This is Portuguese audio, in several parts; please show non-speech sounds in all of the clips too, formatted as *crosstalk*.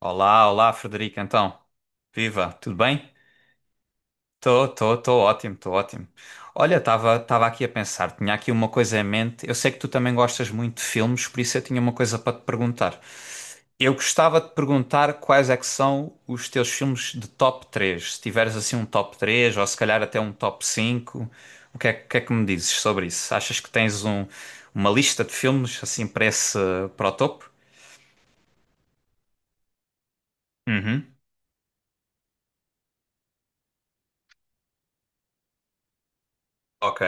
Olá, olá, Frederico, então. Viva, tudo bem? Tô ótimo, tô ótimo. Olha, estava aqui a pensar, tinha aqui uma coisa em mente. Eu sei que tu também gostas muito de filmes, por isso eu tinha uma coisa para te perguntar. Eu gostava de perguntar quais é que são os teus filmes de top 3. Se tiveres assim um top 3 ou se calhar até um top 5. Que é que me dizes sobre isso? Achas que tens uma lista de filmes assim para para o topo? Uhum. Ok.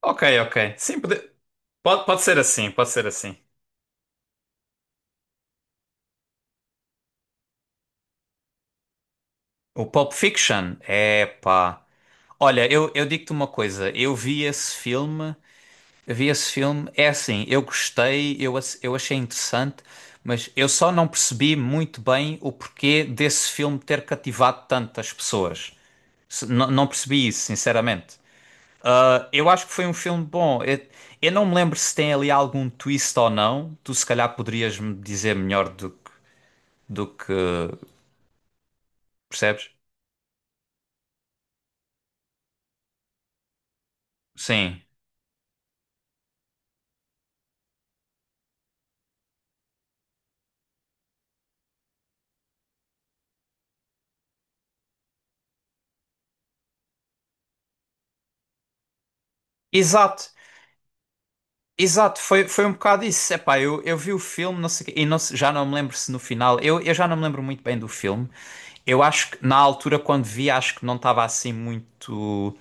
Ok, ok. Sim, pode... Pode ser assim, pode ser assim. O Pulp Fiction, é pá. Olha, eu digo-te uma coisa, eu vi esse filme, eu vi esse filme, é assim, eu gostei, eu achei interessante, mas eu só não percebi muito bem o porquê desse filme ter cativado tantas pessoas. Não, não percebi isso, sinceramente. Ah, eu acho que foi um filme bom. Eu não me lembro se tem ali algum twist ou não. Tu se calhar poderias me dizer melhor do que. Percebes? Sim. Exato, exato, foi um bocado isso. Epá, eu vi o filme, não sei, quê, e já não me lembro se no final. Eu já não me lembro muito bem do filme. Eu acho que na altura, quando vi, acho que não estava assim muito.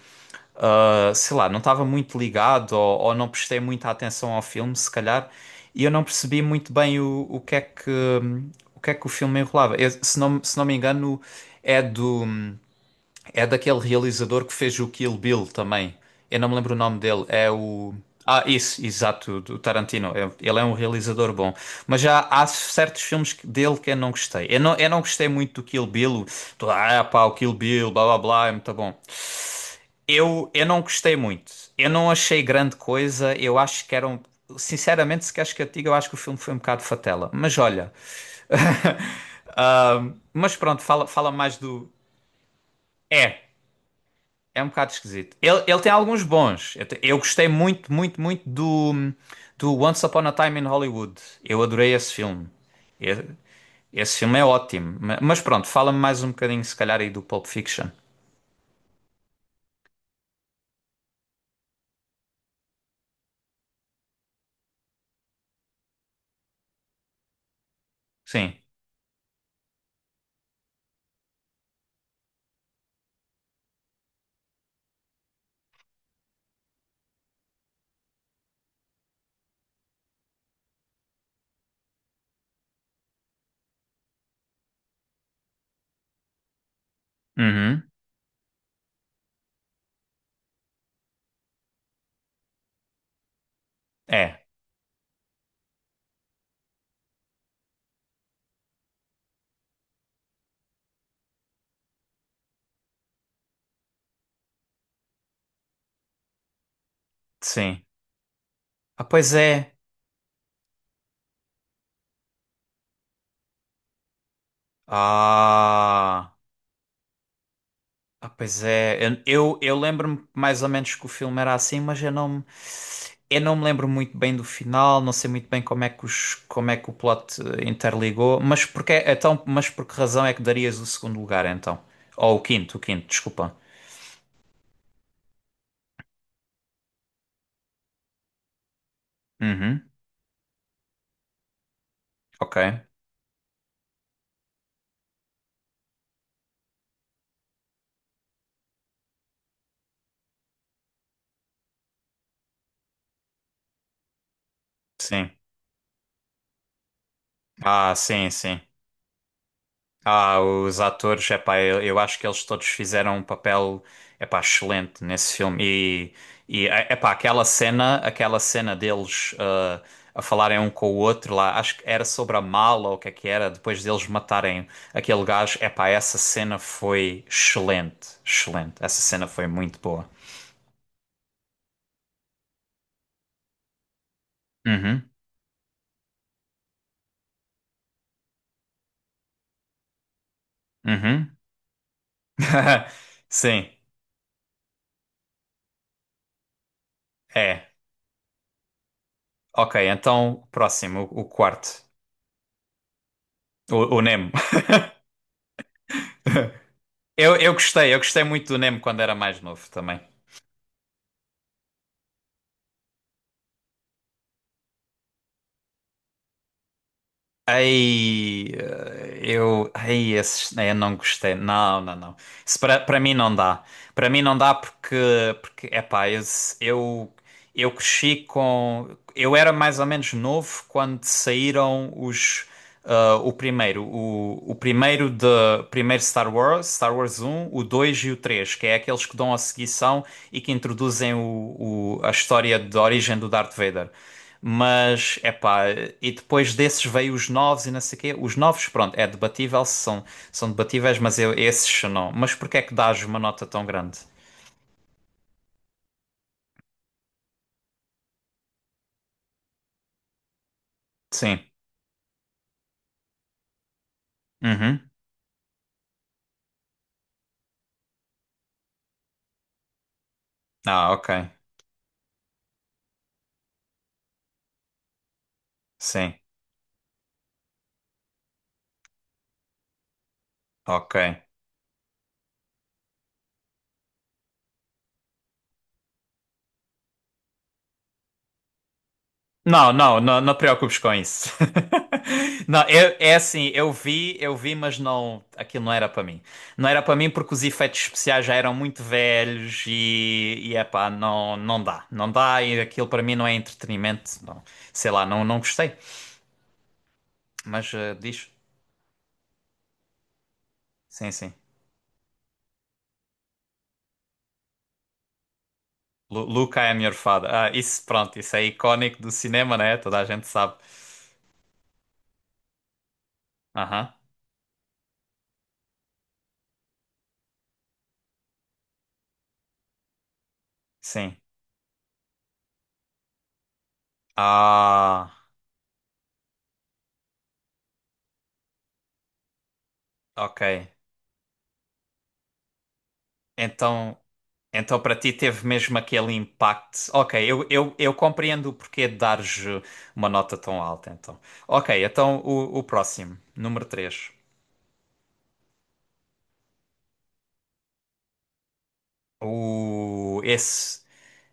Sei lá, não estava muito ligado ou não prestei muita atenção ao filme, se calhar. E eu não percebi muito bem o que é que. O que é que o filme enrolava? Se não, se não me engano, é do. É daquele realizador que fez o Kill Bill também. Eu não me lembro o nome dele. É o. Ah, isso, exato, do Tarantino. Ele é um realizador bom. Mas já há certos filmes dele que eu não gostei. Eu não gostei muito do Kill Bill. Toda, ah, pá, o Kill Bill, blá blá blá, é muito bom. Eu não gostei muito. Eu não achei grande coisa. Eu acho que eram. Sinceramente, se queres que eu te diga, eu acho que o filme foi um bocado fatela. Mas olha. *laughs* Ah, mas pronto, fala mais do. É. É um bocado esquisito. Ele tem alguns bons. Eu gostei muito, muito, muito do Once Upon a Time in Hollywood. Eu adorei esse filme. E- Esse filme é ótimo. Mas pronto, fala-me mais um bocadinho, se calhar, aí do Pulp Fiction. Sim. Uhum. É. Sim. Ah, pois é. Ah. Ah, pois é, eu lembro-me mais ou menos que o filme era assim, mas eu não me lembro muito bem do final, não sei muito bem como é que como é que o plot interligou, mas porque, então, mas por que razão é que darias o segundo lugar então? Ou o quinto, desculpa. Uhum, ok, sim. Ah, sim, sim. Ah, os atores, epá, eu acho que eles todos fizeram um papel, epá, excelente nesse filme. E epá, aquela cena deles a falarem um com o outro lá, acho que era sobre a mala ou o que é que era, depois deles matarem aquele gajo, epá, essa cena foi excelente, excelente. Essa cena foi muito boa. Uhum, uhum. *laughs* Sim, é. Ok, então, próximo, o quarto, o Nemo. Eu gostei muito do Nemo quando era mais novo também. Ai, eu, ai, esses, eu não gostei. Não, não, não. Isso para para mim não dá. Para mim não dá porque epá, eu Eu cresci com. Eu era mais ou menos novo quando saíram os. Ah, o primeiro, o primeiro de primeiro Star Wars, Star Wars um o 2 e o 3 que é aqueles que dão a seguição e que introduzem a história da origem do Darth Vader. Mas, epá, e depois desses veio os novos e não sei o quê. Os novos, pronto, é são debatíveis, mas eu, esses não. Mas porquê é que dás uma nota tão grande? Sim. Uhum. Ah, ok. Sim. Ok. Não, não, não, não te preocupes com isso. *laughs* Não, é assim, eu vi, mas não, aquilo não era para mim. Não era para mim porque os efeitos especiais já eram muito velhos e epá, não, não dá, não dá e aquilo para mim não é entretenimento, não. Sei lá, não, não gostei. Mas diz, sim, sim. Luca é a minha fada. Ah, isso, pronto, isso é icónico do cinema, né? Toda a gente sabe. Aham, sim. Ah, ok. Então. Então, para ti, teve mesmo aquele impacto. Ok, eu compreendo o porquê de dares uma nota tão alta, então. Ok, então o próximo, número três. O, esse,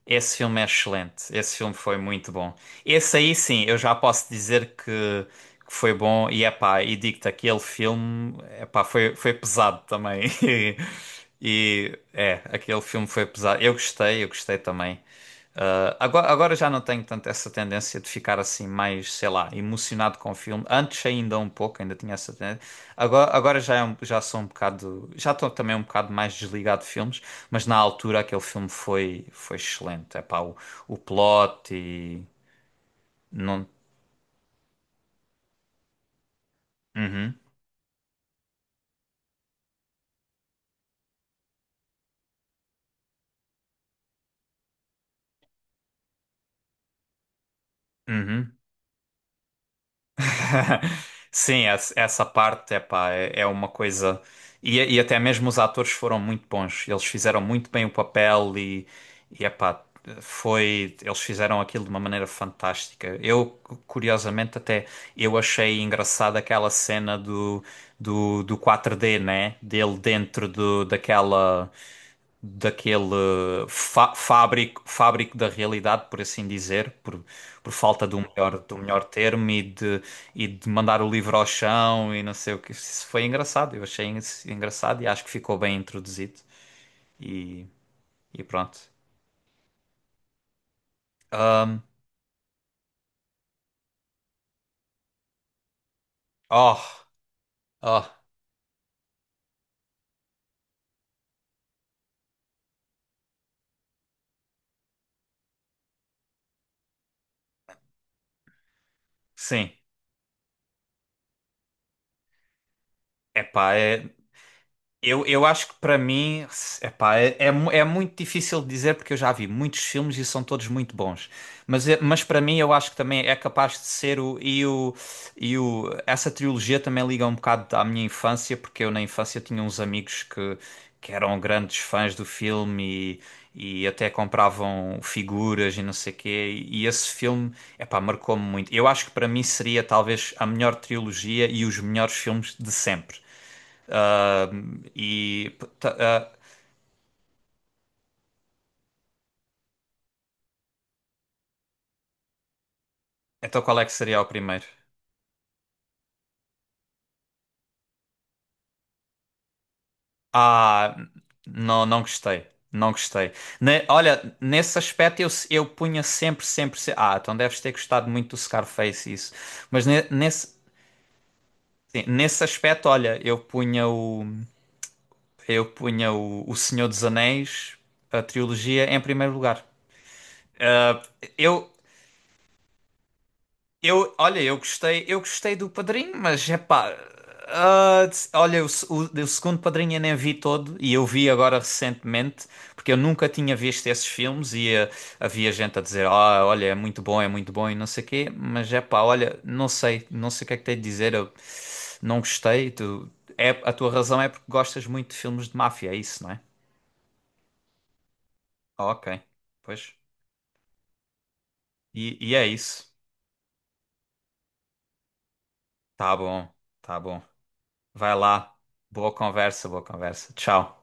esse filme é excelente. Esse filme foi muito bom. Esse aí, sim, eu já posso dizer que foi bom. E, epá, e digo-te, aquele filme, epá, foi pesado também. *laughs* E, e, é, aquele filme foi pesado. Eu gostei também. Agora, agora já não tenho tanto essa tendência de ficar assim mais, sei lá, emocionado com o filme. Antes ainda um pouco, ainda tinha essa tendência. Agora, agora já, já sou um bocado, já estou também um bocado mais desligado de filmes, mas na altura aquele filme foi, foi excelente. É pá, o plot e não. Uhum, uhum. *laughs* Sim, essa essa parte, epá, é, é uma coisa. E até mesmo os atores foram muito bons. Eles fizeram muito bem o papel e epá, foi. Eles fizeram aquilo de uma maneira fantástica. Eu, curiosamente, até eu achei engraçada aquela cena do 4D, né? Dele dentro daquela daquele fábrico, fábrico da realidade, por assim dizer, por falta do melhor termo e de mandar o livro ao chão e não sei o que. Isso foi engraçado, eu achei isso engraçado e acho que ficou bem introduzido e, e pronto. Ahm, oh, oh, sim. Epá, é, eu acho que para mim, epá, é, é, é muito difícil de dizer porque eu já vi muitos filmes e são todos muito bons. Mas para mim eu acho que também é capaz de ser o essa trilogia também liga um bocado à minha infância porque eu na infância tinha uns amigos que eram grandes fãs do filme e até compravam figuras e não sei quê. E esse filme, epá, marcou-me muito. Eu acho que para mim seria talvez a melhor trilogia e os melhores filmes de sempre. E tá, ah, então qual é que seria o primeiro? Ah, não, não gostei. Não gostei. Olha, nesse aspecto eu punha sempre, sempre, se- Ah, então deves ter gostado muito do Scarface isso. Mas ne- nesse, sim, nesse aspecto, olha, eu punha o Senhor dos Anéis, a trilogia, em primeiro lugar. Eu, olha, eu gostei do Padrinho, mas é pá, ah, olha, o, se- o segundo Padrinho eu nem vi todo e eu vi agora recentemente, porque eu nunca tinha visto esses filmes e ah, havia gente a dizer, ah, olha, é muito bom e não sei o quê, mas é pá, olha, não sei, não sei o que é que tenho de dizer, eu não gostei, tu, é, a tua razão é porque gostas muito de filmes de máfia, é isso, não é? Ah, ok, pois, e é isso, tá bom, tá bom, vai lá, boa conversa, tchau.